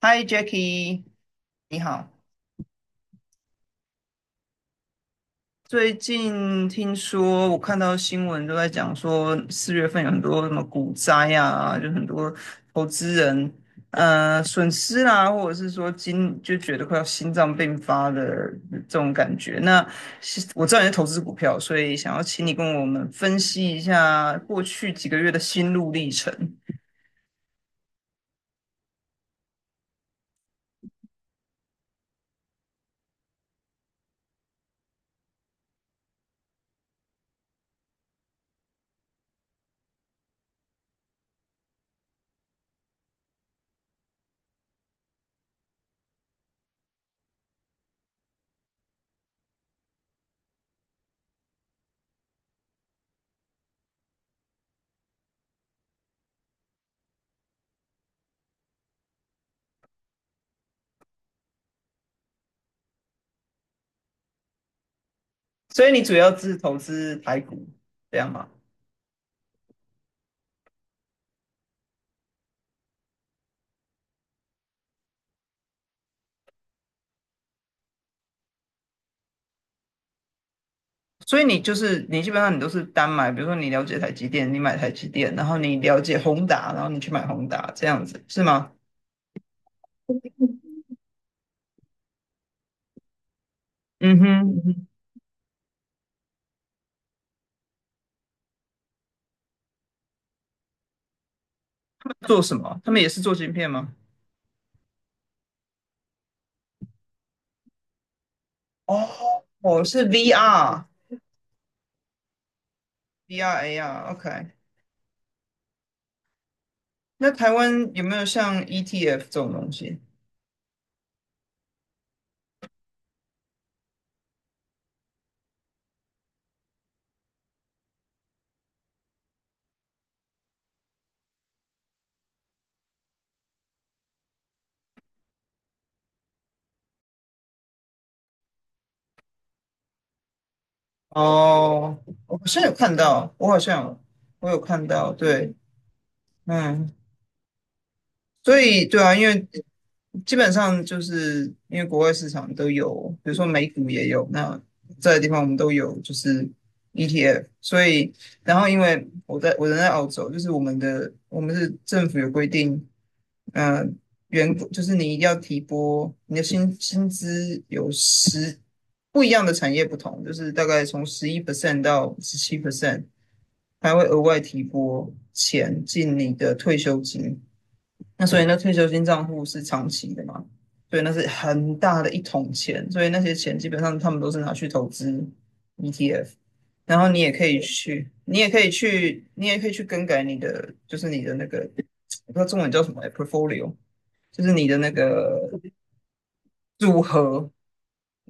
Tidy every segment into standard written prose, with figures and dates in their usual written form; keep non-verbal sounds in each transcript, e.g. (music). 嗨，Jackie，你好。最近听说，我看到新闻都在讲说，四月份有很多什么股灾啊，就很多投资人损失啦、或者是说今就觉得快要心脏病发的这种感觉。那是我知道你是投资股票，所以想要请你跟我们分析一下过去几个月的心路历程。所以你主要是投资台股，这样吗？所以你就是你基本上你都是单买，比如说你了解台积电，你买台积电，然后你了解宏达，然后你去买宏达，这样子是吗？嗯哼，嗯哼。做什么？他们也是做晶片吗？哦，哦，是 VR、AR，OK。那台湾有没有像 ETF 这种东西？哦，我好像有看到，我有看到，对，嗯，所以对啊，基本上就是因为国外市场都有，比如说美股也有，那这个地方我们都有就是 ETF，所以然后因为我人在澳洲，就是我们是政府有规定，嗯，员工就是你一定要提拨你的薪资有不一样的产业不同，就是大概从十一 percent 到十七 percent，还会额外提拨钱进你的退休金。那所以那退休金账户是长期的嘛，所以那是很大的一桶钱，所以那些钱基本上他们都是拿去投资 ETF，然后你也可以去更改你的，就是你的那个，我不知道中文叫什么欸，portfolio，就是你的那个组合，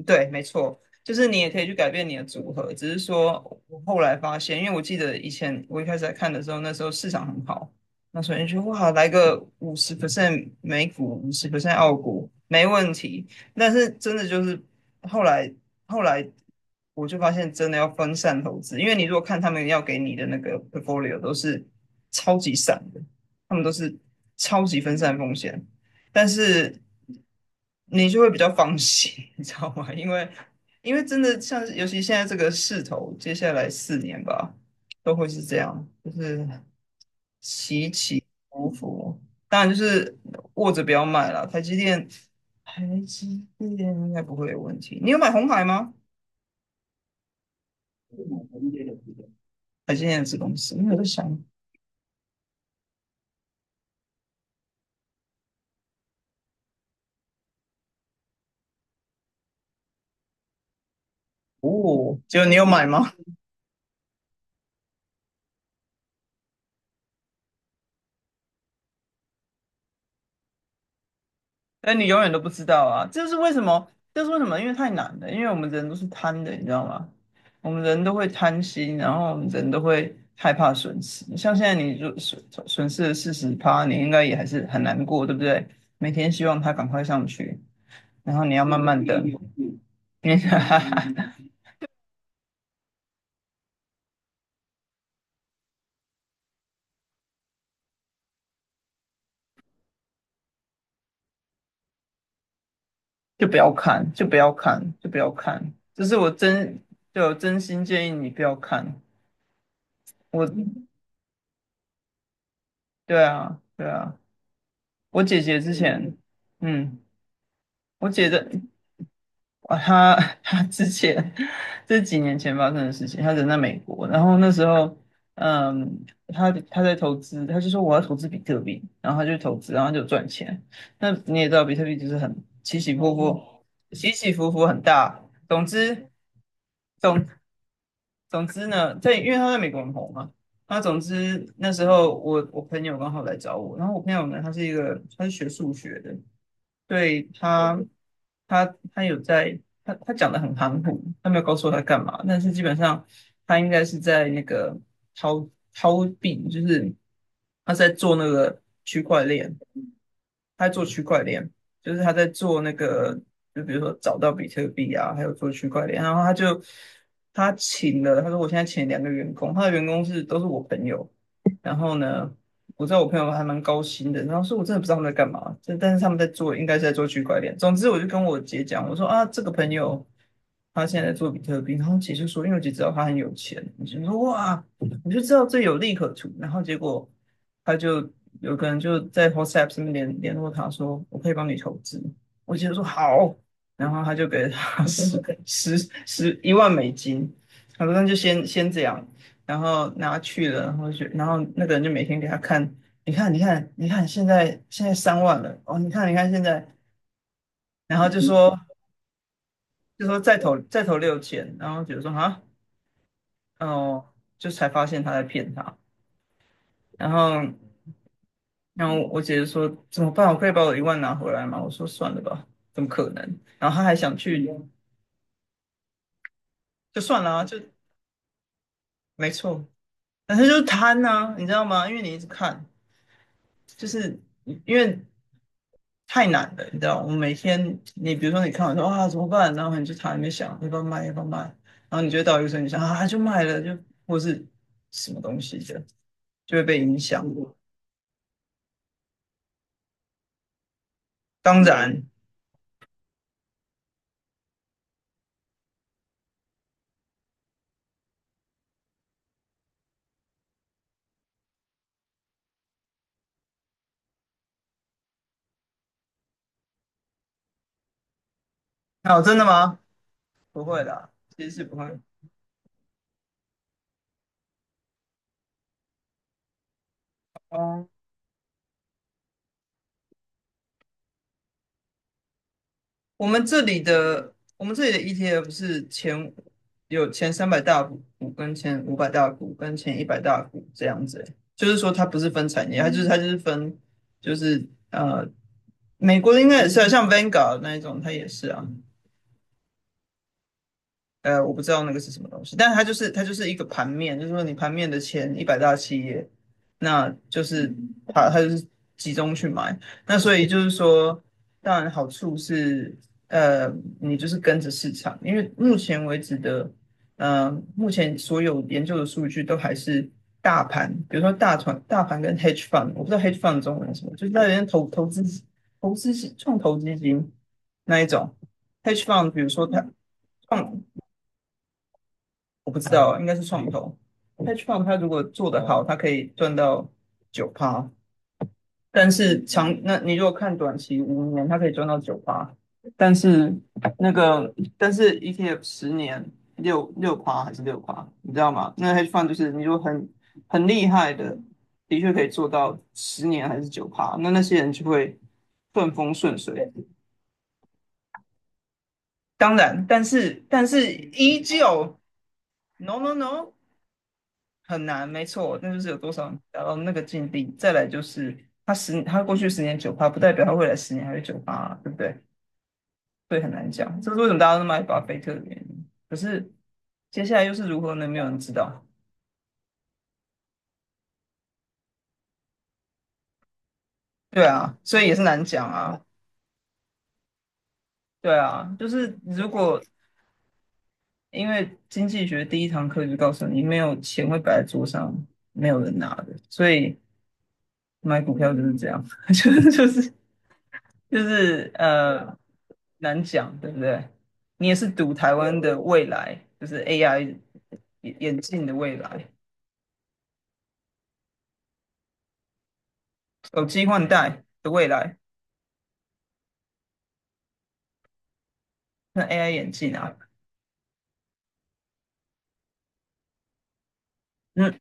对，没错，就是你也可以去改变你的组合。只是说，我后来发现，因为我记得以前我一开始在看的时候，那时候市场很好，那时候你说哇，来个五十 percent 美股，五十 percent 澳股，没问题。但是真的就是后来后来我就发现，真的要分散投资，因为你如果看他们要给你的那个 portfolio 都是超级散的，他们都是超级分散风险。但是你就会比较放心，(laughs) 你知道吗？因为真的像是，尤其现在这个势头，接下来四年吧，都会是这样，就是起起伏伏。当然就是握着不要卖了，台积电，台积电应该不会有问题。你有买红海吗？台积电的子公司，因为我在想，哦，结果你有买吗？但你永远都不知道啊，这是为什么？这是为什么？因为太难了，因为我们人都是贪的，你知道吗？我们人都会贪心，然后我们人都会害怕损失。像现在你损失了四十趴，你应该也还是很难过，对不对？每天希望它赶快上去，然后你要慢慢等，你 (laughs) 就不要看，就不要看，就不要看。这是我真，对，我真心建议你不要看。我，对啊，对啊，我姐姐之前，嗯。我姐的哇，他 (laughs) 他之前这几年前发生的事情，他人在美国，然后那时候，嗯，他在投资，他就说我要投资比特币，然后他就投资，然后他就赚钱。那你也知道，比特币就是很起起伏伏，起起伏伏很大。总之，总总之呢，因为他在美国很红嘛，那总之那时候我朋友刚好来找我，然后我朋友呢，他是学数学的，对他，他他有在，他讲的很含糊，他没有告诉我他干嘛，但是基本上他应该是在那个掏掏币，他在做那个区块链，他在做区块链，就是他在做那个，就比如说找到比特币啊，还有做区块链，然后他请了，他说我现在请两个员工，他的员工都是我朋友，然后呢，我知道我朋友还蛮高薪的，然后说我真的不知道他们在干嘛，但是他们在做，应该是在做区块链。总之，我就跟我姐讲，我说啊，这个朋友他现在在做比特币，然后姐就说，因为我姐知道他很有钱，我就说哇，我就知道这有利可图。然后结果他就有个人就在 WhatsApp 上面联络他说，我可以帮你投资。我姐就说好，然后他就给了他 (laughs) 十一万美金，他说那就先这样，然后拿去了，然后然后那个人就每天给他看，你看你看你看，现在三万了哦，你看你看现在，然后就说再投六千，然后姐姐说啊哦，就才发现他在骗他，然后然后我姐姐说怎么办？我可以把我一万拿回来吗？我说算了吧，怎么可能？然后他还想去，就算了啊，就没错，但是就是贪啊，你知道吗？因为你一直看，就是因为。太难了，你知道，我每天你比如说你看完说啊怎么办，然后你就躺在那边想要不要卖要不要卖，然后你就会到一个时候你想啊就卖了就或是什么东西的，就会被影响。当然，哦，真的吗？不会啦，其实是不会。哦我们这里的 ETF 有前三百大股跟前五百大股跟前一百大股这样子欸就是说它不是分产业，它就是分就是呃，美国的应该也是啊，像 Vanguard 那一种，它也是啊。我不知道那个是什么东西，但它就是一个盘面，就是说你盘面的前一百大企业，那就是它就是集中去买，那所以就是说，当然好处是，呃，你就是跟着市场，因为目前为止的，目前所有研究的数据都还是大盘，比如说大盘跟 hedge fund，我不知道 hedge fund 的中文是什么，就是那人投资是创投基金那一种 hedge fund，比如说它。创我不知道，应该是创投。hedge fund 它如果做得好，它可以赚到九趴，但是长，那你如果看短期五年，它可以赚到九趴，但是那个ETF 十年六趴还是六趴，你知道吗？那 hedge fund 就是你如果很厉害的，的确可以做到十年还是九趴，那些人就会顺风顺水。当然，但是依旧，no no no。很难，没错，那就是有多少人达到那个境地。再来就是他过去十年九趴，不代表他未来十年还是九趴啊对不对？所以很难讲，这是为什么大家都买巴菲特的原因。可是接下来又是如何呢？没有人知道。对啊，所以也是难讲啊。对啊，就是如果因为经济学第一堂课就告诉你，没有钱会摆在桌上，没有人拿的，所以买股票就是这样，(laughs) 就是就是就是难讲，对不对？你也是赌台湾的未来，就是 AI 眼镜的未来，手机换代的未来，那 AI 眼镜啊，嗯，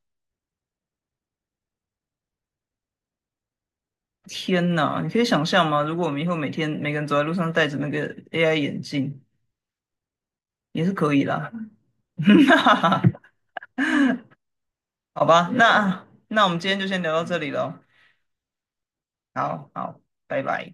天哪，你可以想象吗？如果我们以后每天每个人走在路上戴着那个 AI 眼镜，也是可以啦。(laughs) 那好吧，那我们今天就先聊到这里喽。好好，拜拜。